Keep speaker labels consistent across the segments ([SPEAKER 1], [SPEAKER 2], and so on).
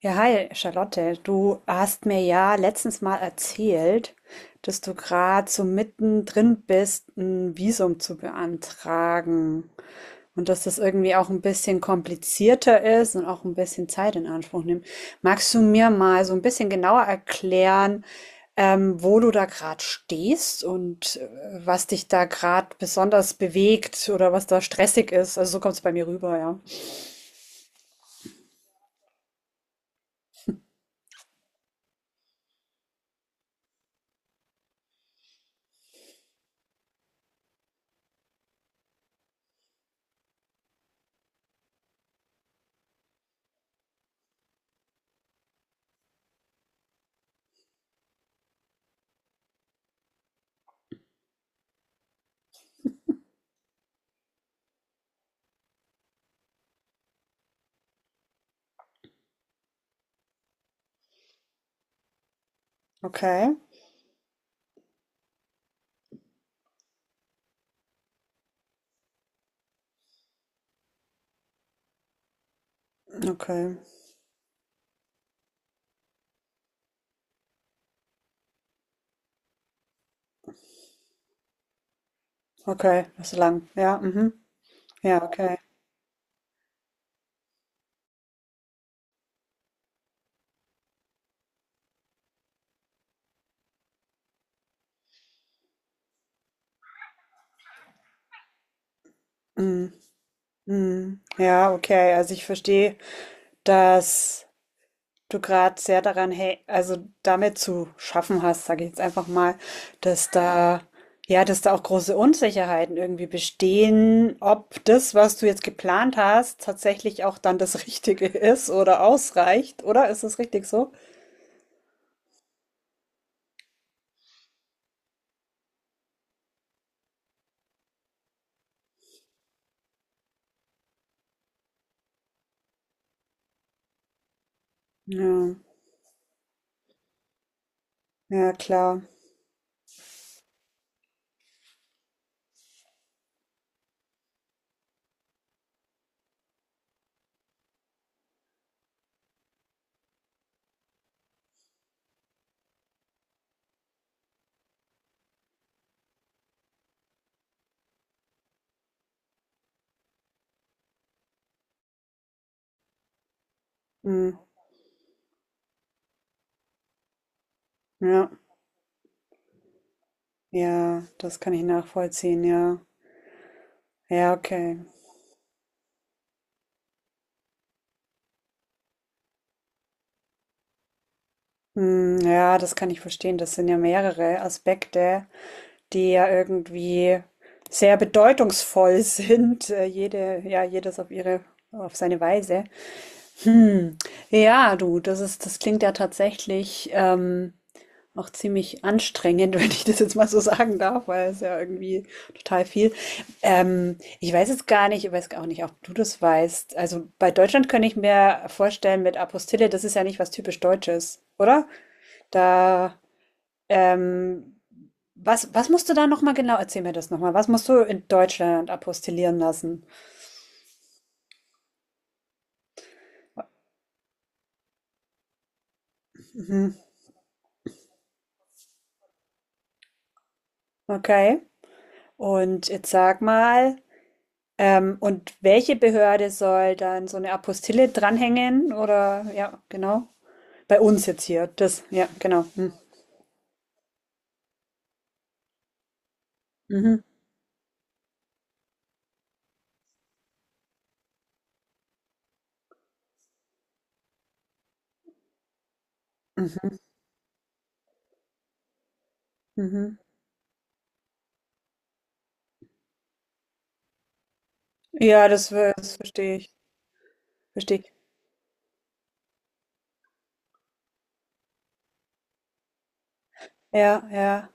[SPEAKER 1] Ja, hi, Charlotte. Du hast mir ja letztens mal erzählt, dass du gerade so mittendrin bist, ein Visum zu beantragen und dass das irgendwie auch ein bisschen komplizierter ist und auch ein bisschen Zeit in Anspruch nimmt. Magst du mir mal so ein bisschen genauer erklären, wo du da gerade stehst und was dich da gerade besonders bewegt oder was da stressig ist? Also so kommt es bei mir rüber, ja. Okay, okay, okay, das ist lang. Ja, mhm. Ja, okay. Mhm. Mhm. Ja, okay. Also ich verstehe, dass du gerade sehr daran, also damit zu schaffen hast, sage ich jetzt einfach mal, dass da, ja, dass da auch große Unsicherheiten irgendwie bestehen, ob das, was du jetzt geplant hast, tatsächlich auch dann das Richtige ist oder ausreicht, oder? Ist das richtig so? Ja, ja, klar. Mhm. Ja, ja, das kann ich nachvollziehen, ja. Ja, okay. Hm, ja, das kann ich verstehen. Das sind ja mehrere Aspekte, die ja irgendwie sehr bedeutungsvoll sind. Ja, jedes auf ihre, auf seine Weise. Hm. Ja, du, das ist, das klingt ja tatsächlich auch ziemlich anstrengend, wenn ich das jetzt mal so sagen darf, weil es ja irgendwie total viel. Ich weiß jetzt gar nicht, ich weiß auch nicht, ob du das weißt. Also bei Deutschland könnte ich mir vorstellen, mit Apostille, das ist ja nicht was typisch Deutsches, oder? Da. Ähm, was, was musst du da nochmal genau, erzähl mir das nochmal, was musst du in Deutschland apostillieren lassen? Mhm. Okay. Und jetzt sag mal, und welche Behörde soll dann so eine Apostille dranhängen? Oder, ja, genau. Bei uns jetzt hier, das, ja, genau. Hm. Mhm. Mhm. Mhm. Ja, das, das verstehe ich. Verstehe ich. Ja, ja.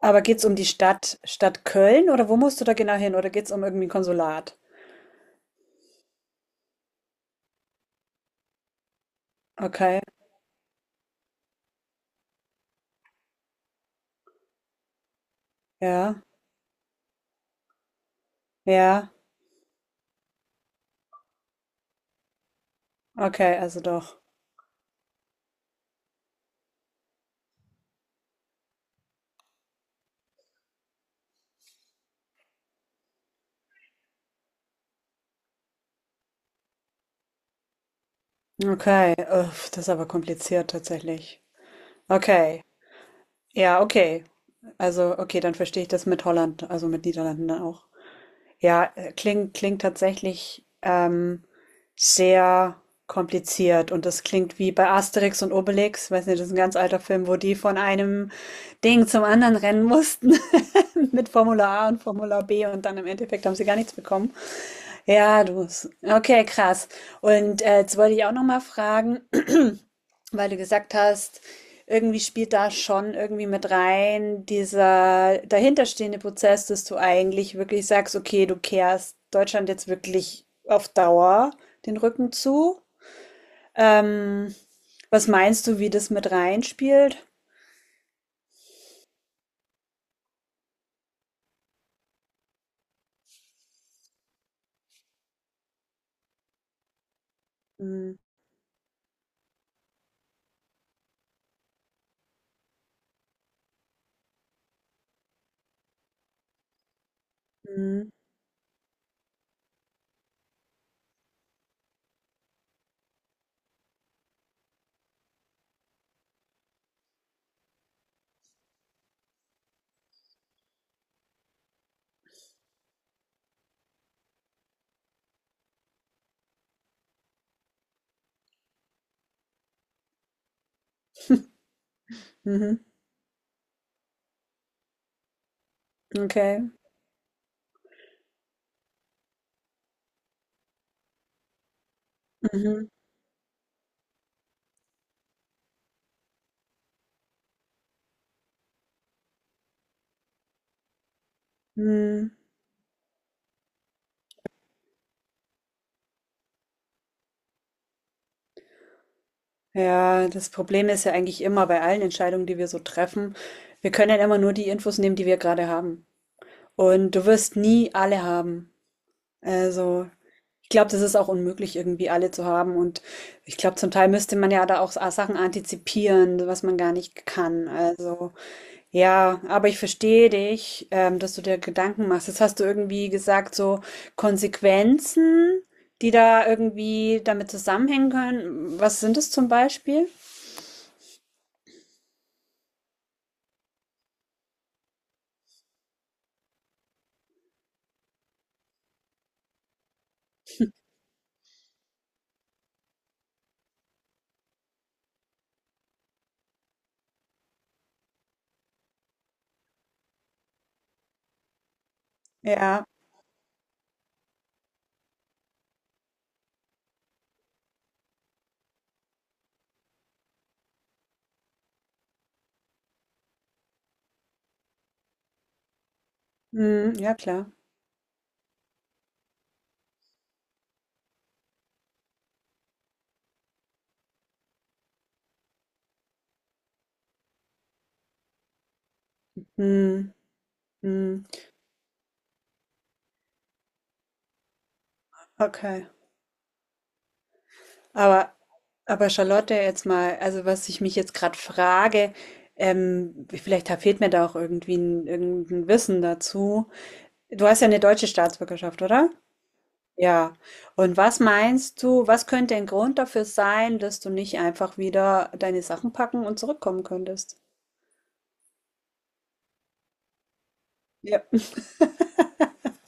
[SPEAKER 1] Aber geht's um die Stadt Köln oder wo musst du da genau hin? Oder geht's um irgendwie ein Konsulat? Okay, ja, ja. Okay, also doch. Okay, uff, das ist aber kompliziert tatsächlich. Okay, ja, okay. Also, okay, dann verstehe ich das mit Holland, also mit Niederlanden dann auch. Ja, klingt tatsächlich sehr kompliziert und das klingt wie bei Asterix und Obelix, weiß nicht, das ist ein ganz alter Film, wo die von einem Ding zum anderen rennen mussten mit Formular A und Formular B und dann im Endeffekt haben sie gar nichts bekommen. Ja, du. Okay, krass. Und jetzt wollte ich auch noch mal fragen, weil du gesagt hast, irgendwie spielt da schon irgendwie mit rein dieser dahinterstehende Prozess, dass du eigentlich wirklich sagst, okay, du kehrst Deutschland jetzt wirklich auf Dauer den Rücken zu. Ähm, was meinst du, wie das mit reinspielt? Mhm. Mhm. Mhm. Okay. Mhm. Mhm. Ja, das Problem ist ja eigentlich immer bei allen Entscheidungen, die wir so treffen, wir können ja immer nur die Infos nehmen, die wir gerade haben. Und du wirst nie alle haben. Also, ich glaube, das ist auch unmöglich, irgendwie alle zu haben. Und ich glaube, zum Teil müsste man ja da auch Sachen antizipieren, was man gar nicht kann. Also, ja, aber ich verstehe dich, dass du dir Gedanken machst. Jetzt hast du irgendwie gesagt, so Konsequenzen, die da irgendwie damit zusammenhängen können. Was sind es zum Beispiel? Ja, mm, ja, klar. Mm, mm, okay. Aber Aber Charlotte, jetzt mal, also was ich mich jetzt gerade frage, fehlt mir da auch irgendwie ein, irgendein Wissen dazu. Du hast ja eine deutsche Staatsbürgerschaft, oder? Ja. Und was meinst du, was könnte ein Grund dafür sein, dass du nicht einfach wieder deine Sachen packen und zurückkommen könntest? Ja,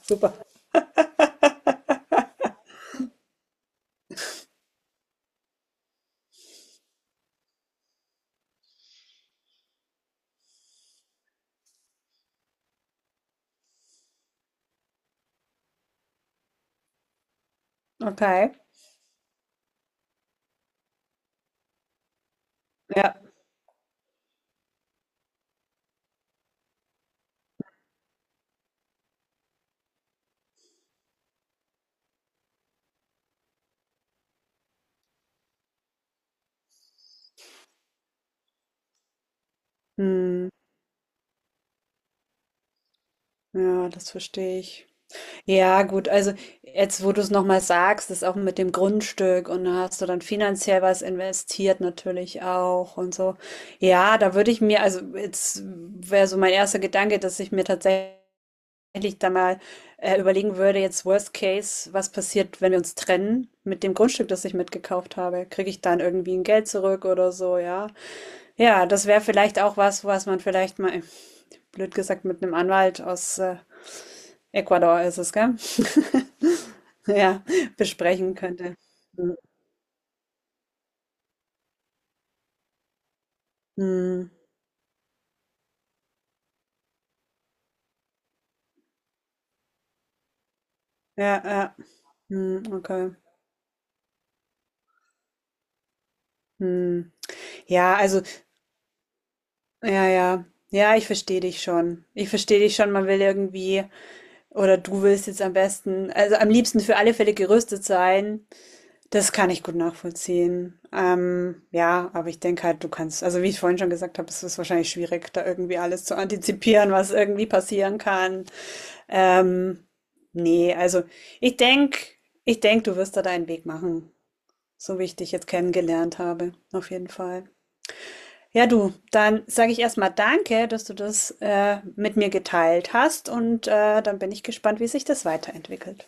[SPEAKER 1] super. Okay. Ja. Hm, ja, das verstehe ich. Ja, gut, also jetzt, wo du es nochmal sagst, ist auch mit dem Grundstück und da hast du dann finanziell was investiert natürlich auch und so. Ja, da würde ich mir, also jetzt wäre so mein erster Gedanke, dass ich mir tatsächlich da mal überlegen würde, jetzt Worst Case, was passiert, wenn wir uns trennen mit dem Grundstück, das ich mitgekauft habe? Kriege ich dann irgendwie ein Geld zurück oder so, ja? Ja, das wäre vielleicht auch was, was man vielleicht mal, blöd gesagt, mit einem Anwalt aus Ecuador ist es, gell? Ja, besprechen könnte. Mhm. Mhm. Ja, ja. Mhm, okay. Mhm. Ja, also, ja, ja. Ja, ich verstehe dich schon. Ich verstehe dich schon. Man will irgendwie, oder du willst jetzt am besten, also am liebsten für alle Fälle gerüstet sein. Das kann ich gut nachvollziehen. Ja, aber ich denke halt, du kannst, also wie ich vorhin schon gesagt habe, es ist wahrscheinlich schwierig, da irgendwie alles zu antizipieren, was irgendwie passieren kann. Ähm, nee, also ich denke, ich denk, du wirst da deinen Weg machen, so wie ich dich jetzt kennengelernt habe, auf jeden Fall. Ja, du, dann sage ich erstmal danke, dass du das mit mir geteilt hast und dann bin ich gespannt, wie sich das weiterentwickelt.